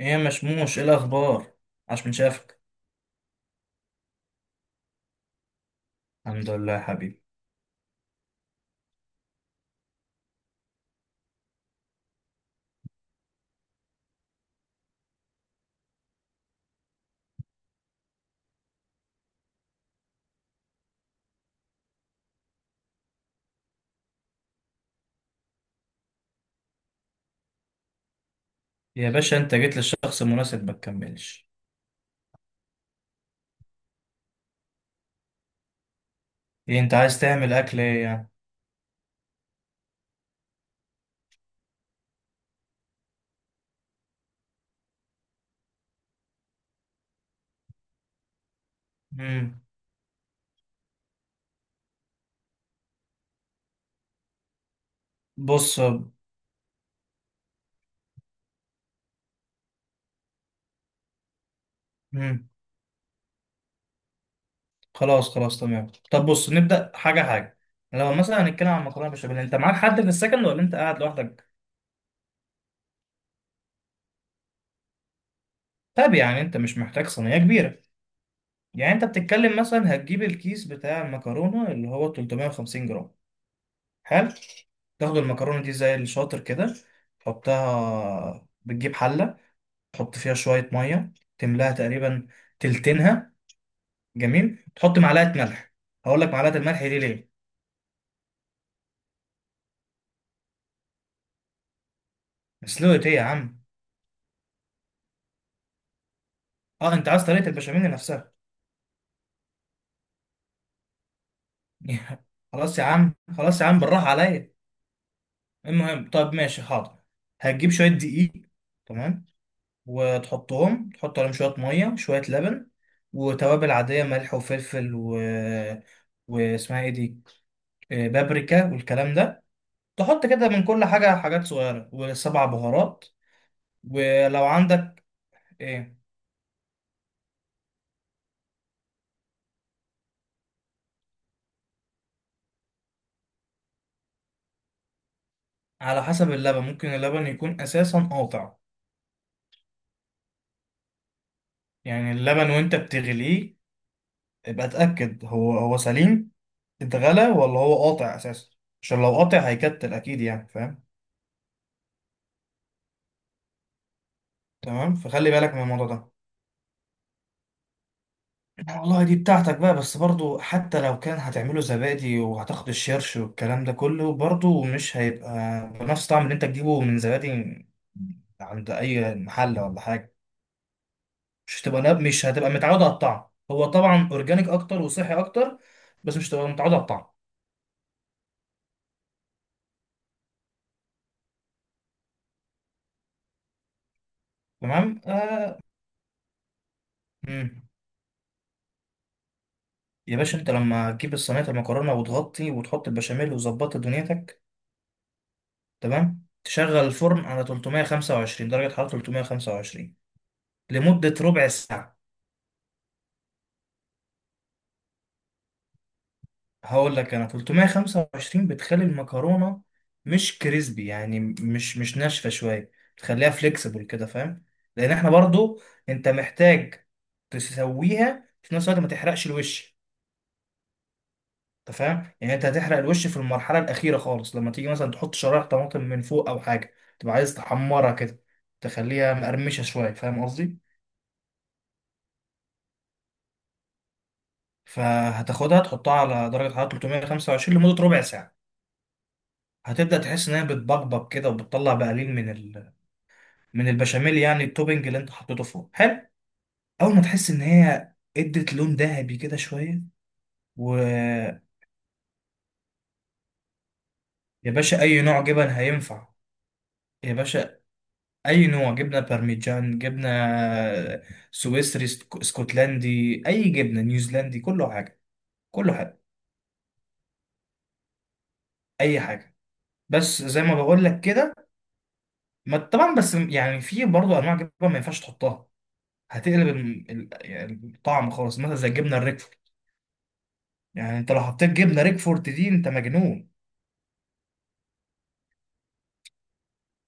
ايه يا مشموش، ايه الاخبار؟ عاش من شافك. الحمد لله يا حبيبي. يا باشا انت جيت للشخص المناسب، ما تكملش. ايه انت عايز تعمل اكل ايه يعني؟ امم بص. امم خلاص خلاص تمام، طب بص نبدا حاجه حاجه. لو مثلا هنتكلم عن مكرونه بشاميل، انت معاك حد في السكن ولا انت قاعد لوحدك؟ طب يعني انت مش محتاج صينيه كبيره. يعني انت بتتكلم مثلا هتجيب الكيس بتاع المكرونه اللي هو 350 جرام. حلو. تاخد المكرونه دي زي الشاطر كده، تحطها، بتجيب حله، تحط فيها شوية مية، تملاها تقريبا تلتينها. جميل، تحط معلقة ملح. هقول لك معلقة الملح دي ليه. مسلوقة ايه يا عم؟ اه انت عايز طريقة البشاميل نفسها. خلاص يا عم، خلاص يا عم، بالراحة عليا. المهم، طب ماشي حاضر، هتجيب شوية دقيق. تمام. وتحطهم، تحط عليهم شوية مية شوية لبن، وتوابل عادية ملح وفلفل واسمها ايه دي، بابريكا والكلام ده. تحط كده من كل حاجة، حاجات صغيرة، والسبع بهارات ولو عندك. ايه؟ على حسب اللبن، ممكن اللبن يكون اساسا قاطع. يعني اللبن وانت بتغليه، ابقى اتاكد هو هو سليم، اتغلى ولا هو قاطع اساسا. عشان لو قاطع هيكتل اكيد، يعني فاهم. تمام، فخلي بالك من الموضوع ده. والله دي بتاعتك بقى، بس برضو حتى لو كان هتعمله زبادي وهتاخد الشيرش والكلام ده كله، برضو مش هيبقى بنفس طعم اللي انت تجيبه من زبادي عند اي محل ولا حاجة. مش هتبقى متعود على الطعم. هو طبعا اورجانيك اكتر وصحي اكتر، بس مش هتبقى متعود على الطعم. تمام مم. يا باشا انت لما تجيب الصينيه المكرونه وتغطي وتحط البشاميل وظبطت دنيتك، تمام، تشغل الفرن على 325 درجه حراره، 325 لمده ربع ساعه. هقول لك انا 325 بتخلي المكرونه مش كريسبي، يعني مش ناشفه شويه، بتخليها فليكسبل كده، فاهم؟ لان احنا برضو، انت محتاج تسويها في نفس الوقت ما تحرقش الوش. انت فاهم، يعني انت هتحرق الوش في المرحله الاخيره خالص لما تيجي مثلا تحط شرايح طماطم من فوق او حاجه، تبقى عايز تحمرها كده، تخليها مقرمشه شويه، فاهم قصدي؟ فهتاخدها تحطها على درجه حراره 325 لمده ربع ساعه. هتبدأ تحس إنها بتبقبق كده، وبتطلع بقليل من من البشاميل، يعني التوبنج اللي انت حطيته فوق. حلو، اول ما تحس ان هي ادت لون ذهبي كده شويه. ويا باشا، اي نوع جبن هينفع. يا باشا اي نوع، جبنه بارميجان، جبنه سويسري، اسكتلندي، اي جبنه، نيوزيلندي، كله حاجه، كله حاجه، اي حاجه، بس زي ما بقول لك كده. ما طبعا، بس يعني في برضه انواع جبن ما ينفعش تحطها، هتقلب يعني الطعم خالص، مثلا زي الجبنه الريكفورد. يعني انت لو حطيت جبنه ريكفورد دي انت مجنون.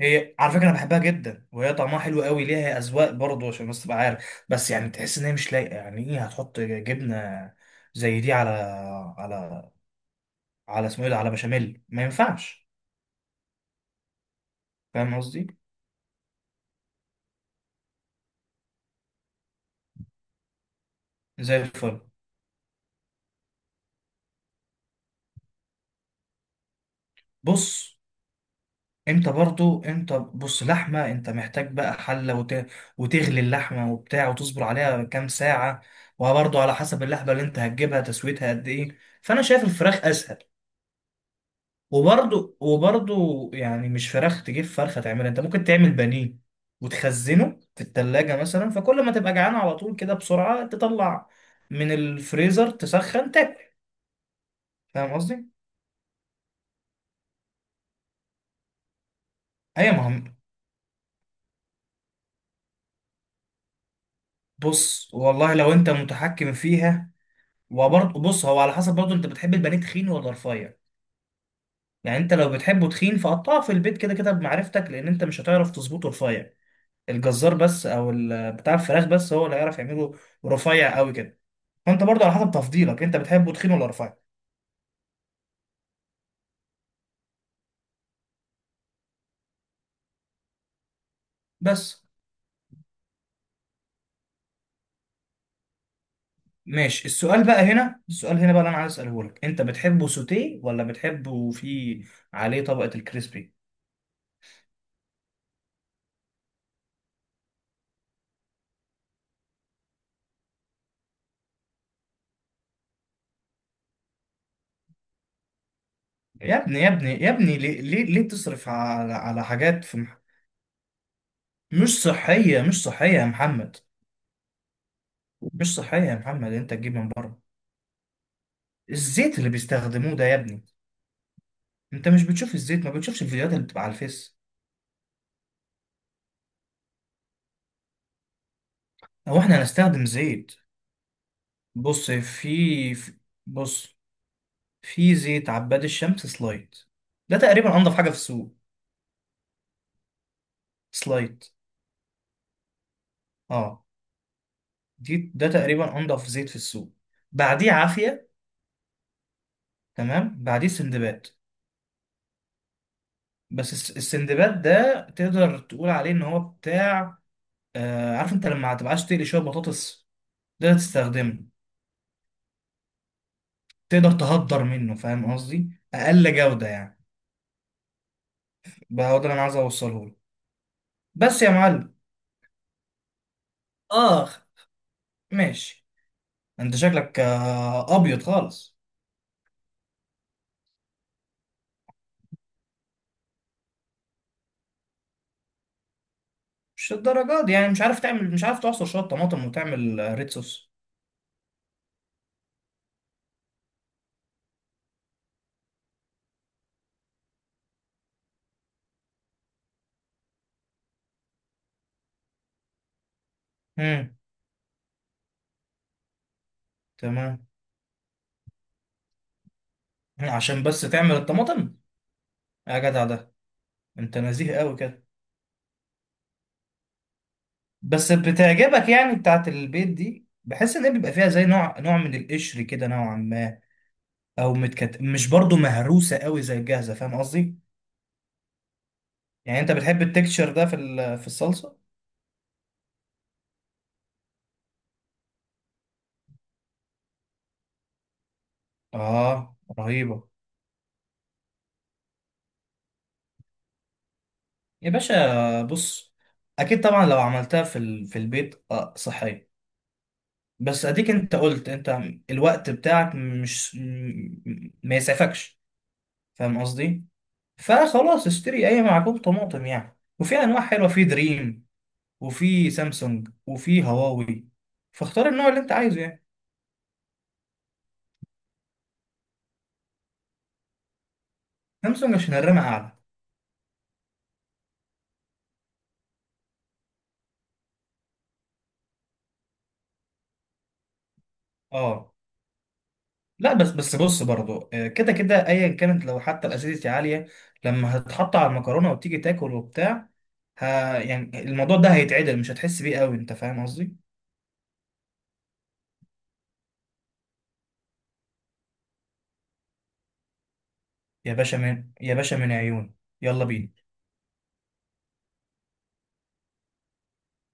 هي على فكره انا بحبها جدا وهي طعمها حلو قوي، ليها اذواق برضه، عشان بس تبقى عارف، بس يعني تحس ان هي مش لايقه. يعني ايه هتحط جبنه زي دي على على على اسمه ايه ده، على بشاميل، ما ينفعش. فاهم قصدي؟ زي الفل. بص انت برضو، انت بص، لحمه، انت محتاج بقى حله وتغلي اللحمه وبتاع وتصبر عليها كام ساعه. وبرضو على حسب اللحمه اللي انت هتجيبها تسويتها قد ايه، فانا شايف الفراخ اسهل. وبرضو يعني مش فراخ تجيب فرخة تعملها، انت ممكن تعمل بانيه وتخزنه في التلاجة مثلا، فكل ما تبقى جعان على طول كده بسرعة تطلع من الفريزر تسخن تاكل. فاهم قصدي؟ ايوه، ما هم- بص والله لو انت متحكم فيها. وبرضه بص، هو على حسب برضه انت بتحب البانيه تخين ولا رفيع؟ يعني انت لو بتحبه تخين فقطعه في البيت كده كده بمعرفتك، لان انت مش هتعرف تظبطه رفيع. الجزار بس او بتاع الفراخ بس هو اللي هيعرف يعمله رفيع قوي كده. فانت برضه على حسب تفضيلك، انت بتحبه تخين ولا رفيع؟ بس ماشي، السؤال بقى هنا، السؤال هنا بقى اللي انا عايز اساله لك، انت بتحبه سوتيه ولا بتحبه فيه عليه طبقة الكريسبي؟ يا ابني يا ابني يا ابني، ليه ليه, ليه تصرف على مش صحية، مش صحية يا محمد. مش صحية يا محمد، انت تجيب من بره. الزيت اللي بيستخدموه ده يا ابني، انت مش بتشوف الزيت؟ ما بتشوفش الفيديوهات اللي بتبقى على الفيس؟ هو احنا هنستخدم زيت؟ بص في في- بص في زيت عباد الشمس سلايت، ده تقريبا انضف حاجه في السوق. سلايت، اه، دي ده تقريبا انضف زيت في السوق. بعديه عافيه، تمام، بعديه سندباد. بس السندباد ده تقدر تقول عليه ان هو بتاع، عارف انت لما هتبقاش تقلي شويه بطاطس تقدر تستخدمه، تقدر تهدر منه. فاهم قصدي؟ اقل جوده يعني. بقى هو ده اللي انا عايز اوصله لك. بس يا معلم، اخ، ماشي. انت شكلك ابيض خالص، مش الدرجات دي. يعني مش عارف تعمل، مش عارف تعصر شوية طماطم وتعمل ريد صوص؟ امم تمام، عشان بس تعمل الطماطم. يا جدع ده، انت نزيه قوي كده. بس بتعجبك يعني بتاعت البيت دي؟ بحس ان هي بيبقى فيها زي نوع نوع من القشر كده نوعا ما، مش برضو مهروسة قوي زي الجاهزة. فاهم قصدي؟ يعني انت بتحب التكتشر ده في في الصلصة؟ اه رهيبة. يا باشا بص، اكيد طبعا لو عملتها في في البيت صحية. بس اديك انت قلت انت الوقت بتاعك مش ما يسعفكش، فاهم قصدي؟ فخلاص اشتري اي معجون طماطم يعني. وفي انواع حلوه في دريم، وفي سامسونج، وفي هواوي، فاختار النوع اللي انت عايزه يعني. سامسونج عشان الرامه اعلى. اه لا، بس بس بص برضو، كده كده ايا كانت، لو حتى الاسيديتي عاليه، لما هتتحط على المكرونه وتيجي تاكل وبتاع، ها، يعني الموضوع ده هيتعدل، مش هتحس بيه قوي، انت فاهم قصدي؟ يا باشا من، يا باشا من عيون، يلا بينا.